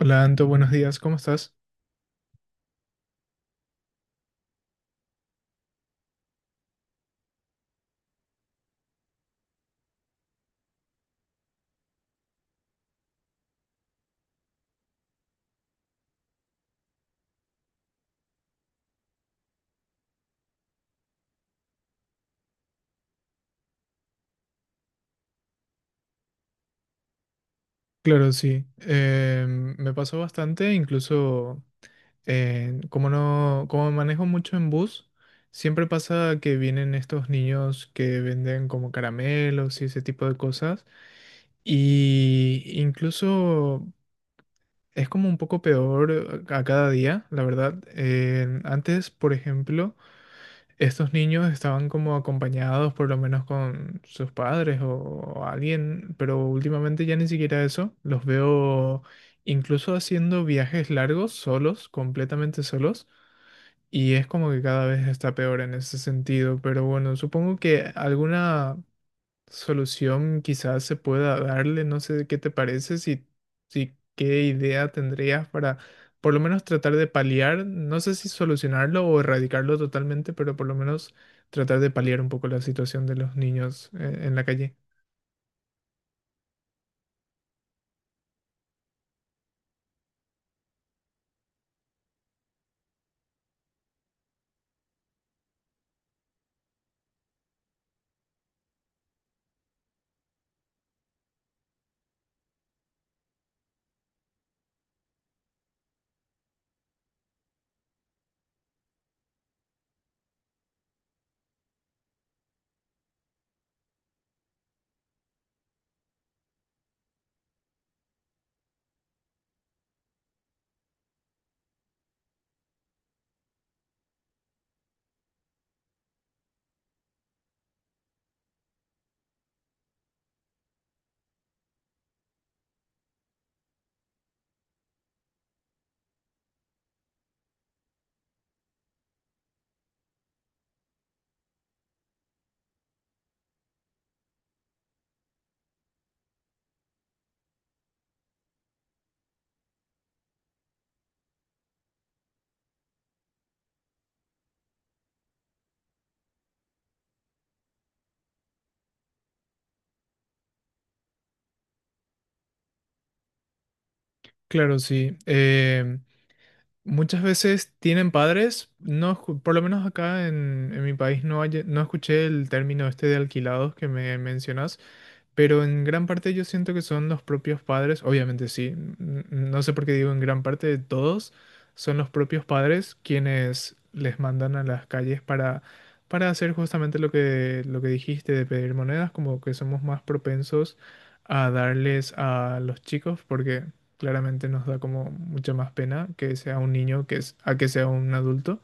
Hola Anto, buenos días, ¿cómo estás? Claro, sí. Me pasó bastante, incluso como no, como manejo mucho en bus, siempre pasa que vienen estos niños que venden como caramelos y ese tipo de cosas. Y incluso es como un poco peor a cada día, la verdad. Antes, por ejemplo, estos niños estaban como acompañados por lo menos con sus padres o alguien, pero últimamente ya ni siquiera eso. Los veo incluso haciendo viajes largos, solos, completamente solos. Y es como que cada vez está peor en ese sentido, pero bueno, supongo que alguna solución quizás se pueda darle, no sé qué te parece, si qué idea tendrías para por lo menos tratar de paliar, no sé si solucionarlo o erradicarlo totalmente, pero por lo menos tratar de paliar un poco la situación de los niños en la calle. Claro, sí. Muchas veces tienen padres, no, por lo menos acá en mi país no, no escuché el término este de alquilados que me mencionas, pero en gran parte yo siento que son los propios padres, obviamente sí, no sé por qué digo en gran parte de todos, son los propios padres quienes les mandan a las calles para hacer justamente lo lo que dijiste de pedir monedas, como que somos más propensos a darles a los chicos, porque claramente nos da como mucha más pena que sea un niño que es, a que sea un adulto.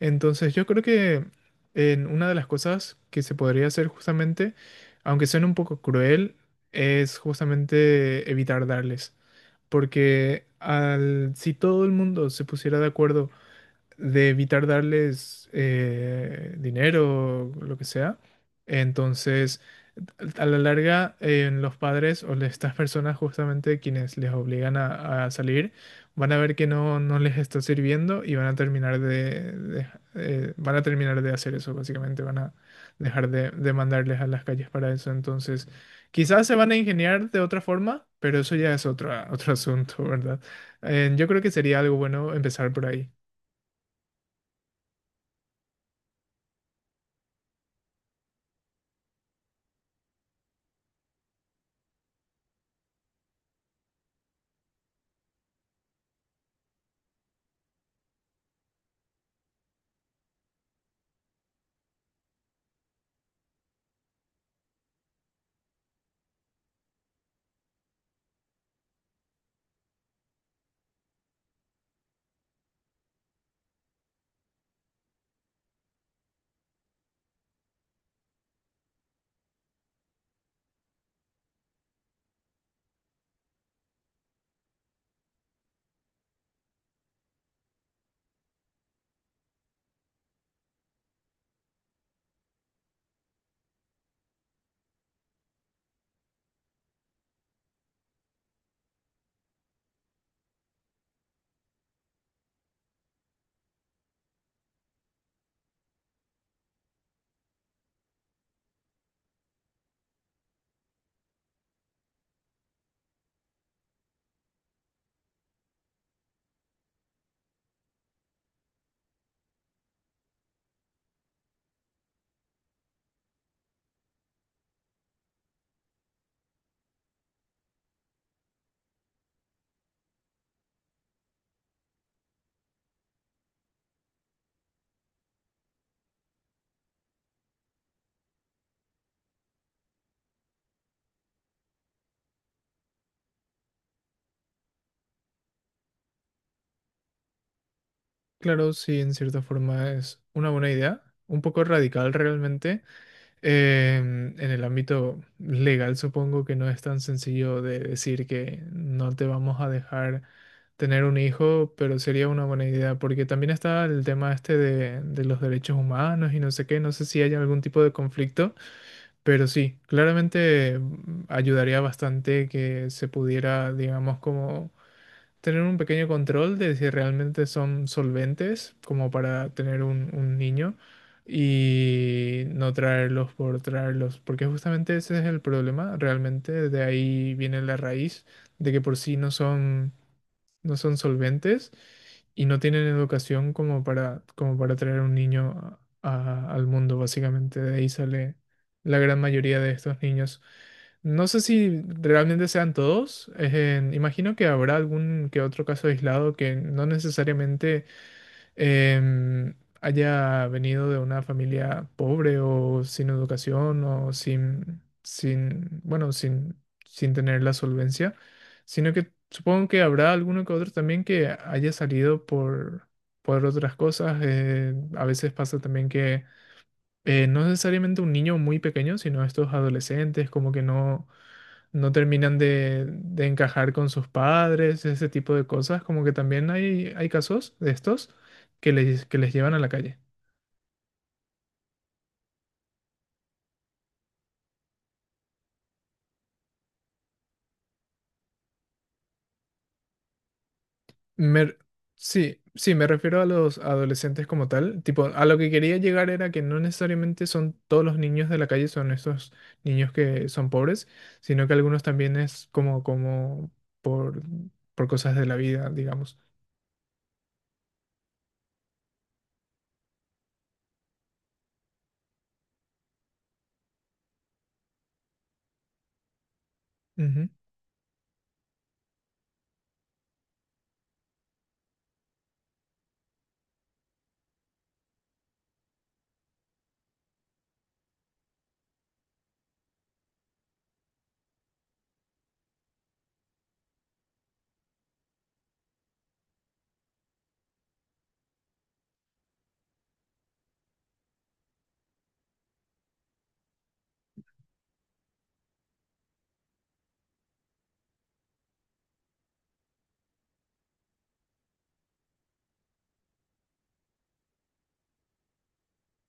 Entonces, yo creo que en una de las cosas que se podría hacer justamente, aunque suene un poco cruel, es justamente evitar darles. Porque al, si todo el mundo se pusiera de acuerdo de evitar darles dinero o lo que sea. Entonces, a la larga, los padres o estas personas justamente quienes les obligan a salir, van a ver que no, no les está sirviendo y van a terminar van a terminar de hacer eso, básicamente, van a dejar de mandarles a las calles para eso. Entonces, quizás se van a ingeniar de otra forma, pero eso ya es otro, otro asunto, ¿verdad? Yo creo que sería algo bueno empezar por ahí. Claro, sí, en cierta forma es una buena idea, un poco radical realmente. En el ámbito legal supongo que no es tan sencillo de decir que no te vamos a dejar tener un hijo, pero sería una buena idea porque también está el tema este de los derechos humanos y no sé qué, no sé si hay algún tipo de conflicto, pero sí, claramente ayudaría bastante que se pudiera, digamos, como tener un pequeño control de si realmente son solventes como para tener un niño y no traerlos por traerlos, porque justamente ese es el problema, realmente de ahí viene la raíz de que por sí no son, no son solventes y no tienen educación como para, como para traer un niño al mundo, básicamente de ahí sale la gran mayoría de estos niños. No sé si realmente sean todos. Imagino que habrá algún que otro caso aislado que no necesariamente em, haya venido de una familia pobre o sin educación o sin, sin, bueno, sin, sin tener la solvencia, sino que supongo que habrá alguno que otro también que haya salido por otras cosas. A veces pasa también que no necesariamente un niño muy pequeño, sino estos adolescentes como que no no terminan de encajar con sus padres, ese tipo de cosas, como que también hay casos de estos que les llevan a la calle. Me- sí, sí, me refiero a los adolescentes como tal, tipo, a lo que quería llegar era que no necesariamente son todos los niños de la calle, son estos niños que son pobres, sino que algunos también es como, como por, por cosas de la vida, digamos. Ujú.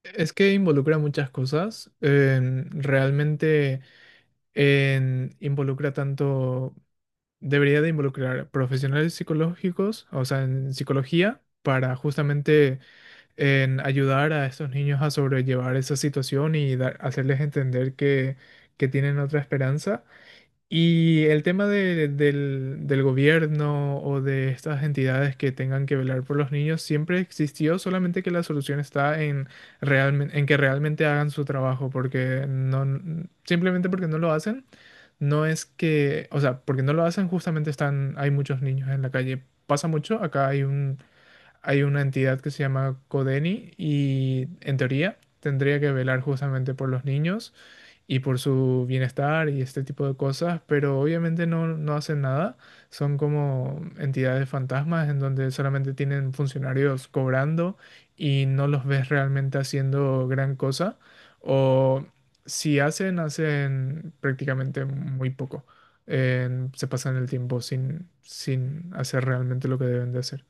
Es que involucra muchas cosas. Realmente... involucra tanto, debería de involucrar profesionales psicológicos, o sea, en psicología, para justamente en ayudar a estos niños a sobrellevar esa situación y hacerles entender que tienen otra esperanza. Y el tema del gobierno o de estas entidades que tengan que velar por los niños siempre existió, solamente que la solución está en, en que realmente hagan su trabajo, porque no, simplemente porque no lo hacen, no es que, o sea, porque no lo hacen, justamente están, hay muchos niños en la calle. Pasa mucho, acá hay hay una entidad que se llama Codeni y en teoría tendría que velar justamente por los niños y por su bienestar y este tipo de cosas, pero obviamente no, no hacen nada. Son como entidades fantasmas en donde solamente tienen funcionarios cobrando y no los ves realmente haciendo gran cosa. O si hacen, hacen prácticamente muy poco. Se pasan el tiempo sin, sin hacer realmente lo que deben de hacer.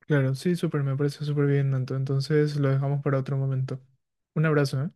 Claro, sí, súper, me parece súper bien, Nanto. Entonces lo dejamos para otro momento. Un abrazo, ¿eh?